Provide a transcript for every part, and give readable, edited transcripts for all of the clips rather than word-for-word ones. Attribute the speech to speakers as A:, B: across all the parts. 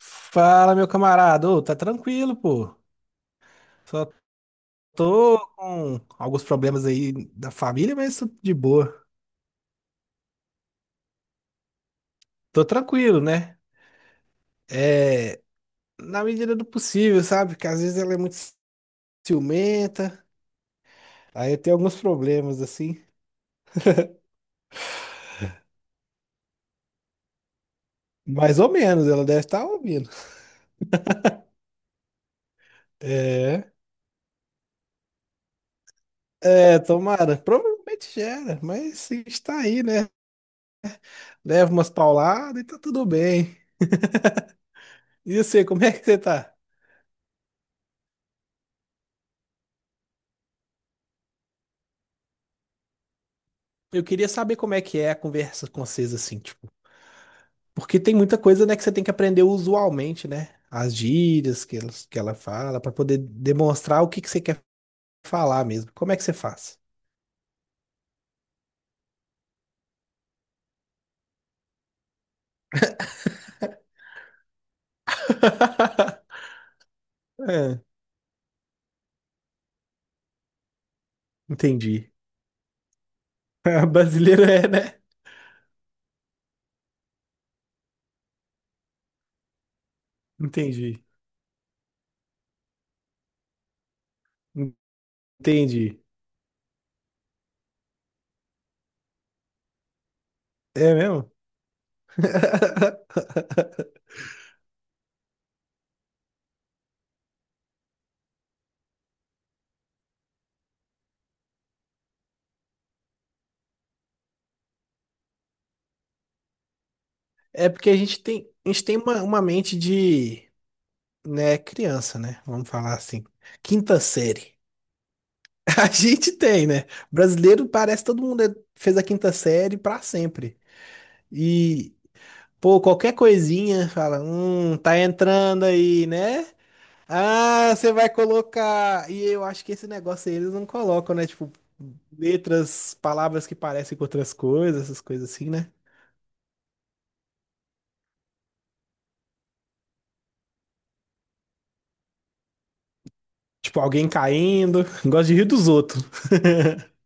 A: Fala, meu camarada. Ô, tá tranquilo, pô. Só tô com alguns problemas aí da família, mas tô de boa. Tô tranquilo, né? É, na medida do possível, sabe? Porque às vezes ela é muito ciumenta, aí tem alguns problemas, assim. Mais ou menos, ela deve estar ouvindo. É, é, tomara. Provavelmente gera, mas a gente tá aí, né? Leva umas pauladas e tá tudo bem. E você, como é que você tá? Eu queria saber como é que é a conversa com vocês, assim, tipo. Porque tem muita coisa, né, que você tem que aprender usualmente, né? As gírias que, que ela fala, para poder demonstrar o que, que você quer falar mesmo. Como é que você faz? É, entendi. Brasileiro é, né? Entendi. Entendi. É mesmo? É porque a gente tem uma mente de, né, criança, né? Vamos falar assim. Quinta série. A gente tem, né? Brasileiro parece que todo mundo fez a quinta série pra sempre. e Pô, qualquer coisinha, fala, tá entrando aí, né? Ah, você vai colocar. E eu acho que esse negócio aí eles não colocam, né? Tipo, letras, palavras que parecem com outras coisas, essas coisas assim, né? Tipo, alguém caindo. Gosto de rir dos outros.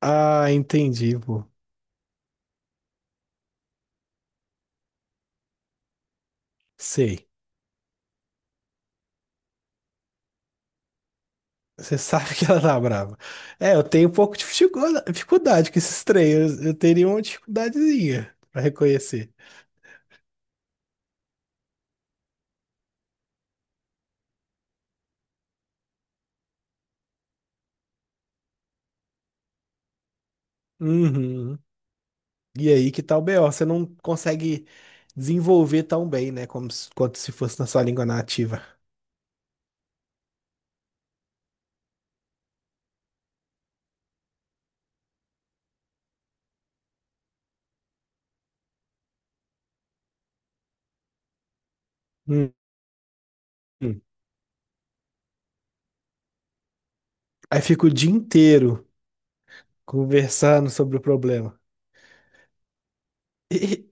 A: Ah, entendi, pô. Sei. Você sabe que ela tá brava. É, eu tenho um pouco de dificuldade com esses três. Eu teria uma dificuldadezinha pra reconhecer. Uhum. E aí que tá o BO, você não consegue desenvolver tão bem, né? Como se, quanto se fosse na sua língua nativa. Hum, hum. Aí fica o dia inteiro conversando sobre o problema. E,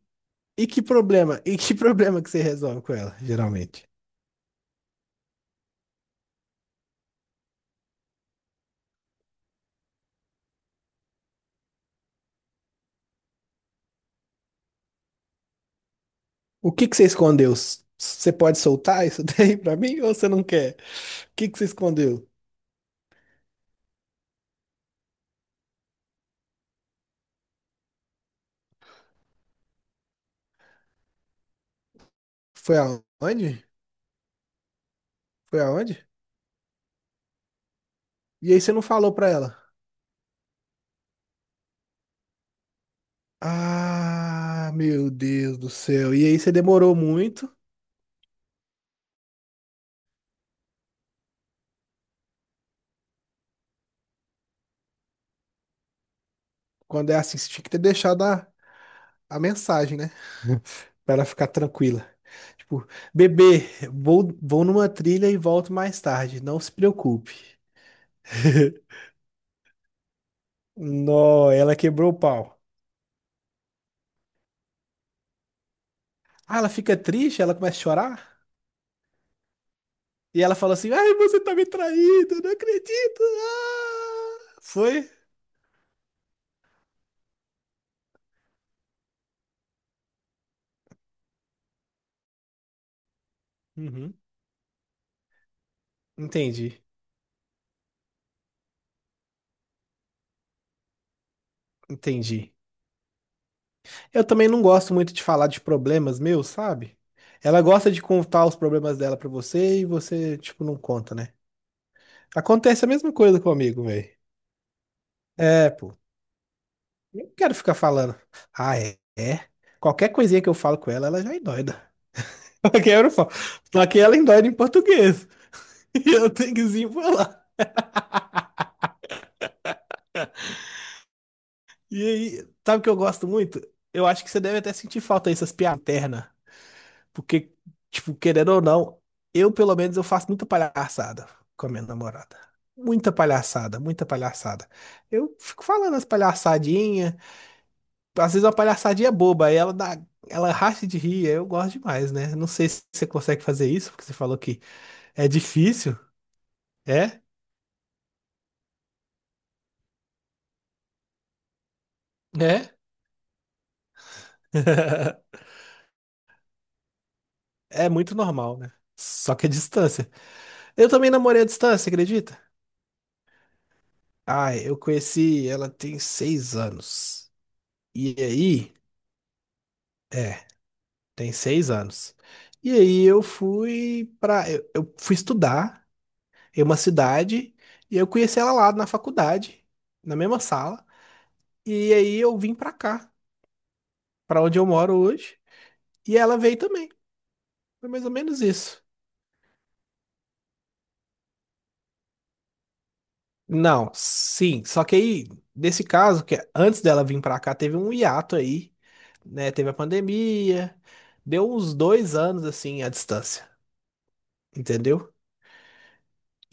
A: e que problema? E que problema que você resolve com ela, geralmente? O que que você escondeu? Você pode soltar isso daí pra mim ou você não quer? O que que você escondeu? Foi aonde? Foi aonde? E aí você não falou pra ela. Ah, meu Deus do céu. E aí você demorou muito. Quando é assim, você tinha que ter deixado a mensagem, né? Pra ela ficar tranquila. Tipo, bebê, vou numa trilha e volto mais tarde, não se preocupe. Nó, ela quebrou o pau. Ah, ela fica triste, ela começa a chorar. E ela fala assim: Ai, você tá me traindo, não acredito. Ah! Foi? Uhum. Entendi, entendi. Eu também não gosto muito de falar de problemas meus, sabe? Ela gosta de contar os problemas dela pra você e você, tipo, não conta, né? Acontece a mesma coisa comigo, velho. É, pô. Eu não quero ficar falando. Ah, é? É. Qualquer coisinha que eu falo com ela, ela já endoida. Aqui eu não falo. Só que ela endoida em português. E eu tenho que desenrolar. E aí, sabe o que eu gosto muito? Eu acho que você deve até sentir falta dessas piadas internas. Porque, tipo, querendo ou não, eu pelo menos eu faço muita palhaçada com a minha namorada. Muita palhaçada, muita palhaçada. Eu fico falando as palhaçadinhas. Às vezes uma palhaçadinha boba, aí ela racha de rir, aí eu gosto demais, né? Não sei se você consegue fazer isso, porque você falou que é difícil. É? É? É muito normal, né? Só que a distância. Eu também namorei à distância, acredita? Ah, eu conheci, ela tem 6 anos. E aí, é, tem 6 anos. E aí eu fui pra. Eu fui estudar em uma cidade e eu conheci ela lá na faculdade, na mesma sala. E aí eu vim pra cá, pra onde eu moro hoje, e ela veio também. Foi mais ou menos isso. Não, sim, só que aí, nesse caso, que antes dela vir pra cá, teve um hiato aí, né? Teve a pandemia, deu uns 2 anos assim à distância, entendeu?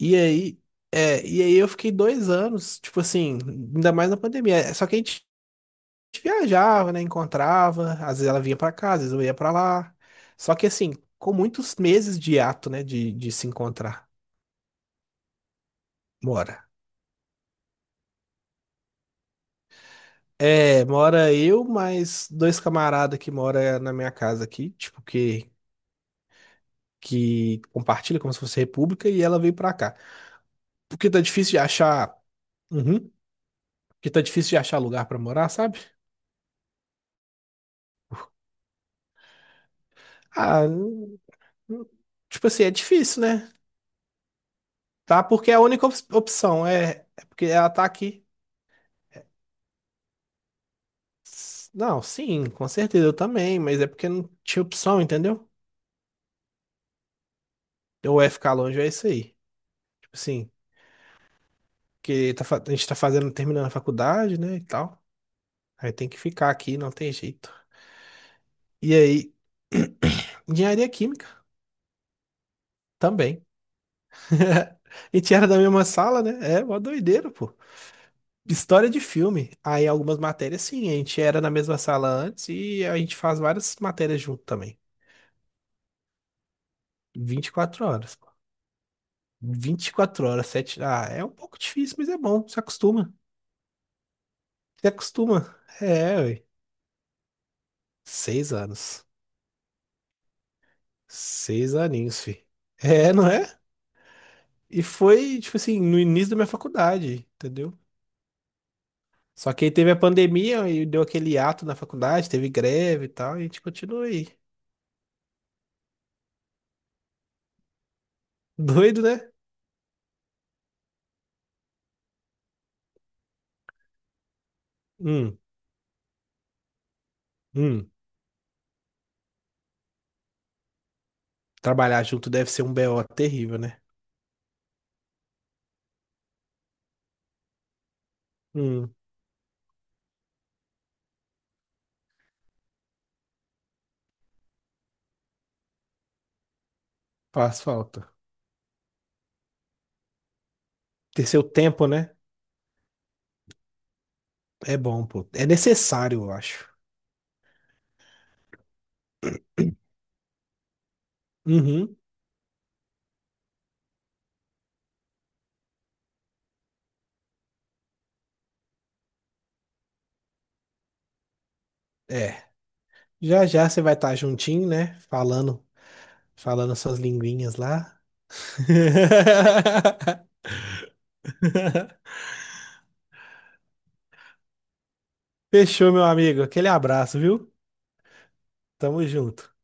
A: E aí, e aí eu fiquei 2 anos, tipo assim, ainda mais na pandemia. É, só que a gente viajava, né? Encontrava, às vezes ela vinha pra cá, às vezes eu ia pra lá. Só que assim, com muitos meses de hiato, né? De se encontrar. Mora. É, mora eu, mais dois camaradas que mora na minha casa aqui, tipo, que compartilha como se fosse república, e ela veio pra cá. Porque tá difícil de achar. Uhum. Porque tá difícil de achar lugar pra morar, sabe? Ah, não- tipo assim, é difícil, né? Tá? Porque é a única opção. É, é porque ela tá aqui. Não, sim, com certeza eu também, mas é porque não tinha opção, entendeu? Ou é ficar longe, ou é isso aí. Tipo assim, a gente tá fazendo, terminando a faculdade, né, e tal. Aí tem que ficar aqui, não tem jeito. E aí, engenharia química também. A gente era da mesma sala, né? É, uma doideira, pô. História de filme. Aí algumas matérias, sim, a gente era na mesma sala antes e a gente faz várias matérias junto também. 24 horas, pô. 24 horas, 7. Ah, é um pouco difícil, mas é bom. Se acostuma. Se acostuma. É, ué. 6 anos. 6 aninhos, fi. É, não é? E foi, tipo assim, no início da minha faculdade, entendeu? Só que aí teve a pandemia e deu aquele ato na faculdade, teve greve e tal, e a gente continua aí. Doido, né? Hum, hum. Trabalhar junto deve ser um BO terrível, né? Hum, faz falta. Ter seu tempo, né? É bom, pô. É necessário, eu acho. Uhum, é. Já já você vai estar juntinho, né? Falando, falando suas linguinhas lá. Fechou, meu amigo. Aquele abraço, viu? Tamo junto.